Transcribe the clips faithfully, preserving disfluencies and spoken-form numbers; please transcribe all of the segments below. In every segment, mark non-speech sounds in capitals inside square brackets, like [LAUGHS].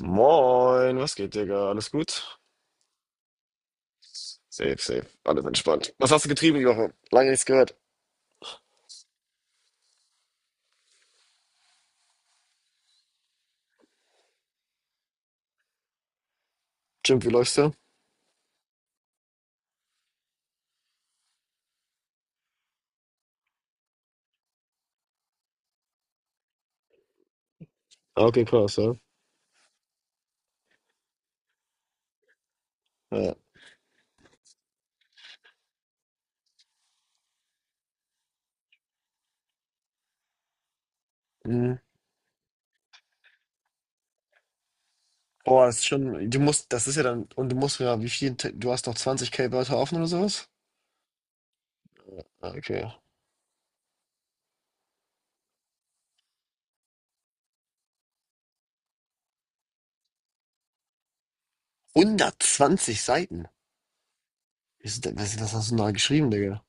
Moin, was geht, Digga? Alles gut? Safe, safe. Alles entspannt. Was hast du getrieben die Woche? Lange nichts gehört. Jim, wie läufst du? Ah, okay, krass, ja. Ja. Mhm. Boah, das ist schon. Du musst, das ist ja dann. Und du musst ja, wie viel. Te- Du hast noch zwanzig k Wörter offen oder sowas? Ah, okay. hundertzwanzig Seiten. Wie ist das, was was hast du denn da geschrieben, Digga?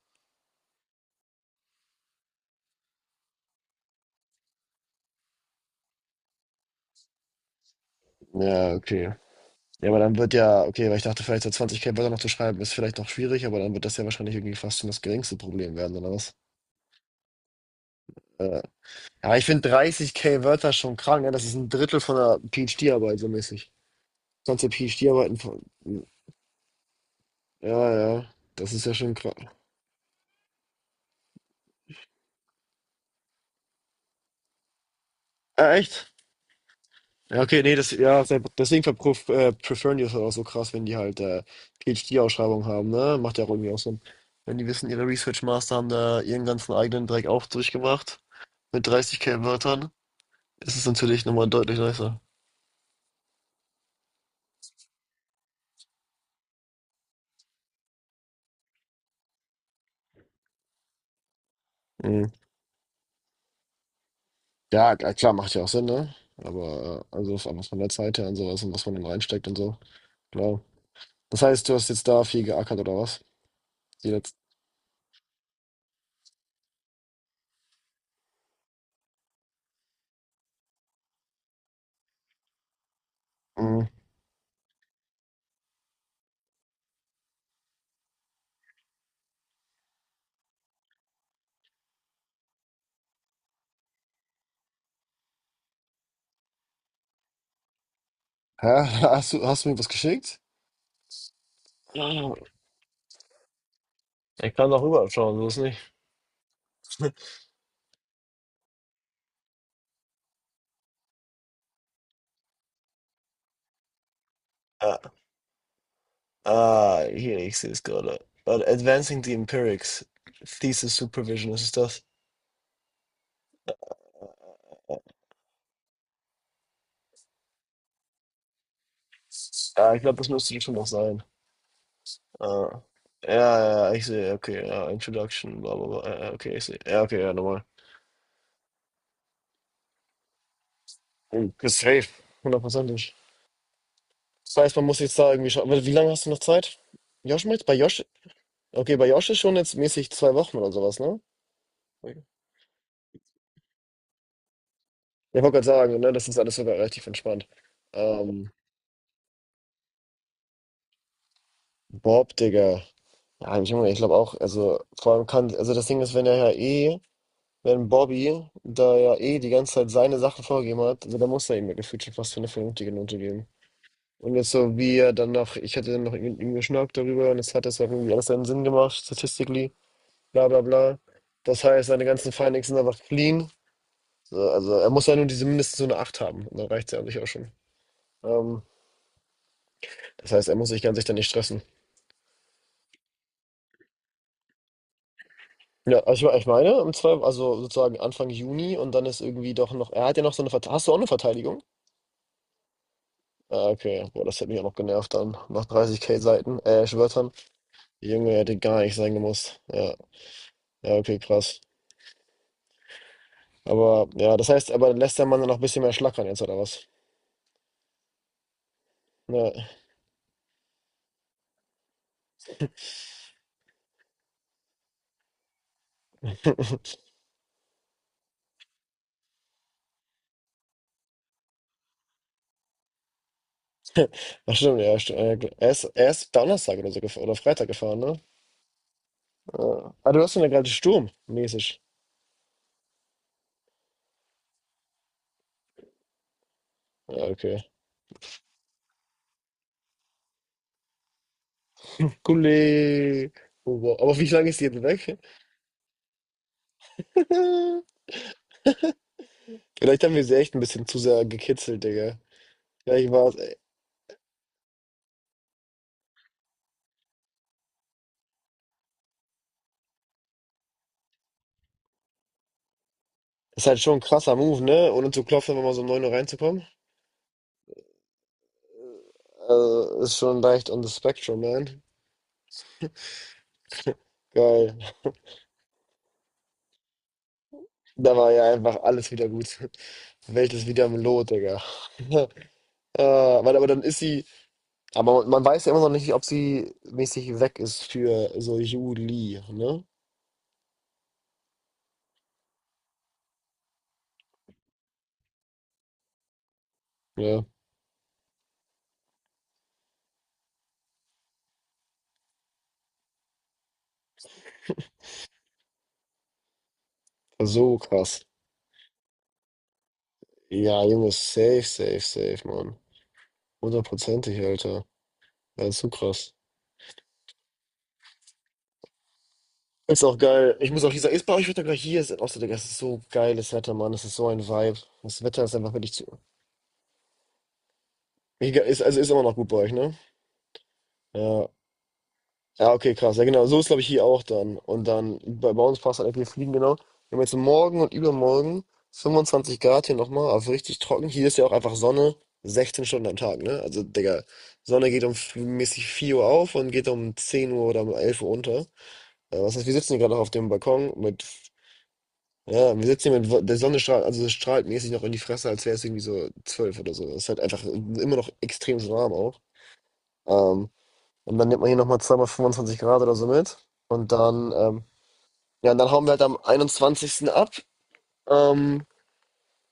Ja, okay. Ja, aber dann wird ja, okay, weil ich dachte, vielleicht so zwanzig k Wörter noch zu schreiben, ist vielleicht noch schwierig, aber dann wird das ja wahrscheinlich irgendwie fast schon das geringste Problem werden, oder was? Äh, Ja, ich finde dreißig k Wörter schon krank, ne? Das ist ein Drittel von einer PhD-Arbeit so mäßig. Sonst ja PhD-Arbeiten von. Ja, ja, das ist ja schon krass. Ah, echt? Ja, okay, nee, das, ja, sehr- deswegen verpruf, äh, preferen die das halt auch so krass, wenn die halt äh, PhD-Ausschreibungen haben, ne? Macht ja auch irgendwie auch Sinn. Wenn die wissen, ihre Research Master haben da ihren ganzen eigenen Dreck auch durchgemacht, mit dreißig k Wörtern, ist es natürlich nochmal deutlich nicer. Mhm. Ja, k- klar, macht ja auch Sinn, ne? Aber äh, also was was von der Zeit her und sowas und was man dann reinsteckt und so. Ja. Das heißt, du hast jetzt da viel geackert oder was? Die letzten. Mhm. Hä? [LAUGHS] Hast du, hast du mir was geschickt? Ah, ich kann doch rüber schauen, so ist nicht. [LAUGHS] Ah, ah, hier, ich sehe es gerade. Warte, Advancing the Empirics. Thesis Supervision, was ist das? Ja, ich glaube, das müsste schon noch sein. Ah, ja, ja, ich sehe, okay, ja, Introduction, bla bla bla. Ja, ja, okay, ich sehe. Ja, okay, ja, normal. Mhm. Ist safe. Hundertprozentig. Das heißt, man muss jetzt da irgendwie schauen. Warte, wie lange hast du noch Zeit? Josh, meinst du? Bei Josh? Okay, bei Josh ist schon jetzt mäßig zwei Wochen oder sowas, ne? Okay. Ja, ich wollte gerade sagen, ne, das ist alles sogar relativ entspannt. Ähm, Bob, Digga. Ja, Junge, ich glaube auch, also vor allem kann, also das Ding ist, wenn er ja eh, wenn Bobby da ja eh die ganze Zeit seine Sachen vorgegeben hat, also da muss er ihm ja gefühlt schon fast für eine vernünftige Note geben. Und jetzt so wie er dann noch, ich hatte dann noch irgendwie mit ihm darüber und es hat das ja irgendwie alles seinen Sinn gemacht, statistically, bla bla bla. Das heißt, seine ganzen Findings sind einfach clean. So, also er muss ja nur diese mindestens so eine acht haben. Und dann reicht es ja an sich auch schon. Ähm, Das heißt, er muss sich ganz sich dann nicht stressen. Ja, also ich, me- ich meine, im Zweifel, also sozusagen Anfang Juni und dann ist irgendwie doch noch, er hat ja noch so eine Verteidigung. Hast du auch eine Verteidigung? Ah, okay. Boah, das hätte mich auch noch genervt dann. Nach dreißig k Seiten, äh, Wörtern. Der Junge, hätte gar nicht sein gemusst. Ja, ja, okay, krass. Aber ja, das heißt, aber lässt der Mann dann noch ein bisschen mehr schlackern jetzt, oder was? Ja, das stimmt, ja, stimmt. Ja, Er ist, er ist Donnerstag oder so gef- oder Freitag gefahren, ne? Ja. Ah, du hast ja gerade Sturm, mäßig. Ja, okay. Gule. Oh, wow. Aber wie lange ist die jetzt weg? [LAUGHS] Vielleicht haben wir sie echt ein bisschen zu sehr gekitzelt, Digga. Vielleicht war es, ey. Ist halt schon ein krasser Move, ne? Ohne zu klopfen, wenn man so um neun Uhr reinzukommen. Also, ist schon leicht on the spectrum, man. Geil. Da war ja einfach alles wieder gut. Welt ist wieder im Lot, Digga. [LAUGHS] Äh, aber, aber dann ist sie. Aber man weiß ja immer noch nicht, ob sie mäßig weg ist für so Juli, ne? Ja. Also, so krass. Ja, Junge, safe, safe, safe, Mann. Hundertprozentig, Alter. Ja, ist so krass. Ist auch geil. Ich muss auch dieser, ist bei euch Wetter gleich hier sind. Außer, Digga, es ist so geiles Wetter, Mann. Es ist so ein Vibe. Das Wetter ist einfach wirklich zu. Egal, ist, also ist immer noch gut bei euch, ne? Ja. Ja, okay, krass. Ja, genau. So ist, glaube ich, hier auch dann. Und dann, bei, bei uns passt halt einfach, wir fliegen, genau. Wir haben jetzt morgen und übermorgen fünfundzwanzig Grad hier nochmal, also richtig trocken. Hier ist ja auch einfach Sonne sechzehn Stunden am Tag, ne? Also, Digga, Sonne geht um f- mäßig vier Uhr auf und geht um zehn Uhr oder um elf Uhr unter. Ja, was heißt, wir sitzen hier gerade noch auf dem Balkon mit, ja, wir sitzen hier mit, Wo- der Sonne strahlt, also es strahlt mäßig noch in die Fresse, als wäre es irgendwie so zwölf oder so. Es ist halt einfach immer noch extrem so warm auch. Ähm, und dann nimmt man hier nochmal zweimal fünfundzwanzig Grad oder so mit. Und dann, ähm, ja, und dann hauen wir halt am einundzwanzigsten ab, ähm,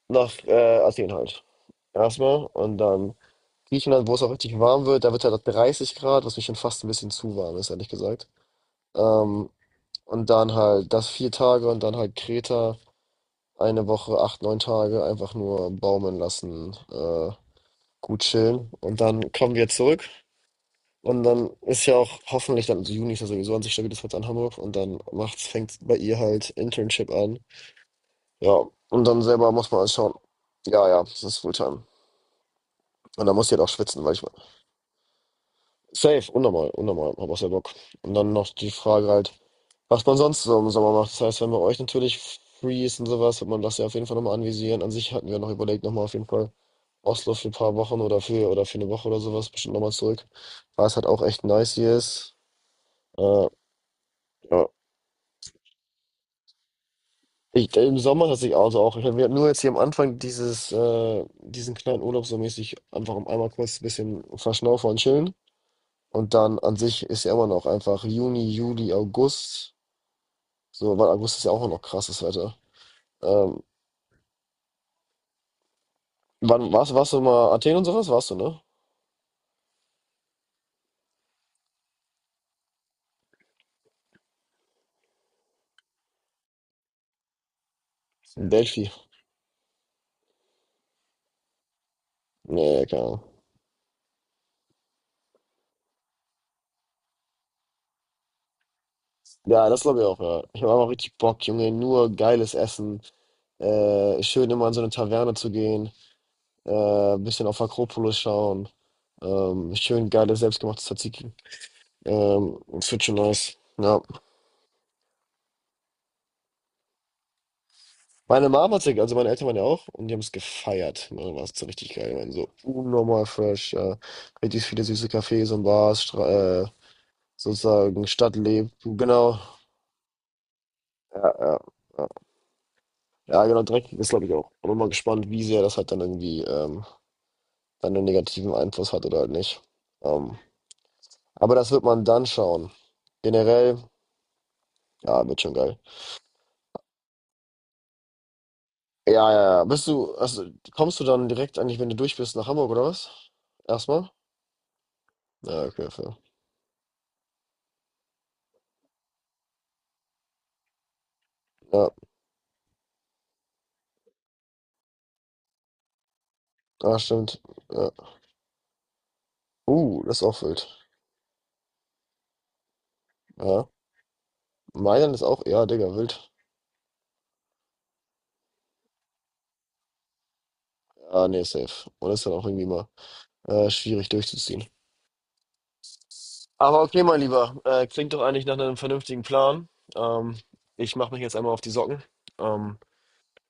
nach äh, Athen halt. Erstmal. Und dann Griechenland, wo es auch richtig warm wird, da wird halt dreißig Grad, was mich schon fast ein bisschen zu warm ist, ehrlich gesagt. Ähm, und dann halt das vier Tage und dann halt Kreta. Eine Woche, acht, neun Tage einfach nur baumeln lassen, äh, gut chillen. Und dann kommen wir zurück. Und dann ist ja auch hoffentlich dann, also Juni ist ja sowieso an sich stabiles Wetter in Hamburg. Und dann macht's, fängt bei ihr halt Internship an. Ja, und dann selber muss man halt schauen. Ja, ja, das ist Fulltime. Und dann muss sie halt auch schwitzen, weil ich. Safe, unnormal, unnormal, hab auch sehr Bock. Und dann noch die Frage halt, was man sonst so im Sommer macht. Das heißt, wenn bei euch natürlich free ist und sowas, wird man das ja auf jeden Fall nochmal anvisieren. An sich hatten wir noch überlegt, nochmal auf jeden Fall Oslo für ein paar Wochen oder für, oder für eine Woche oder sowas, bestimmt nochmal zurück, weil es halt auch echt nice hier ist. Äh, ja. Ich, äh, Im Sommer tatsächlich auch, also auch. Ich, wir hatten nur jetzt hier am Anfang dieses, äh, diesen kleinen Urlaub so mäßig, einfach um einmal kurz ein bisschen verschnaufen und chillen. Und dann an sich ist ja immer noch einfach Juni, Juli, August. So, weil August ist ja auch noch krasses Wetter. Ähm, Wann warst, warst du mal Athen und sowas? Warst du, ne? In Delphi. Nee, keine Ahnung. Ja, das glaube ich auch, ja. Ich habe auch richtig Bock, Junge. Nur geiles Essen. Äh, schön immer in so eine Taverne zu gehen. Äh, bisschen auf Akropolis schauen. Ähm, schön geiles selbstgemachtes Tzatziki. Ähm, das wird schon nice. Ja. Meine Mama hat's, ja- also meine Eltern waren ja auch und die haben es gefeiert. Ne, war es so richtig geil. Ich meine, so unnormal fresh, ja. Richtig viele süße Cafés und Bars, Stra äh, sozusagen Stadtleben. Genau. Ja, ja. Ja, ja, genau, Dreck ist, glaube ich, auch. Bin mal gespannt, wie sehr das halt dann irgendwie ähm, dann einen negativen Einfluss hat oder halt nicht. Ähm, aber das wird man dann schauen. Generell, ja, wird schon geil. Ja, ja, ja. Bist du, also kommst du dann direkt eigentlich, wenn du durch bist, nach Hamburg oder was? Erstmal? Ja, okay, fair. Ja, ah, stimmt. Ja. Uh, das ist auch wild. Ja. Mailand ist auch, ja, Digga, wild. Ah, nee, safe. Und das ist dann auch irgendwie mal äh, schwierig durchzuziehen. Aber okay, mein Lieber, äh, klingt doch eigentlich nach einem vernünftigen Plan. Ähm, Ich mache mich jetzt einmal auf die Socken. Ähm,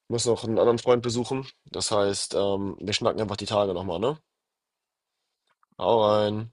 Muss noch einen anderen Freund besuchen. Das heißt, ähm, wir schnacken einfach die Tage nochmal, ne? Hau rein.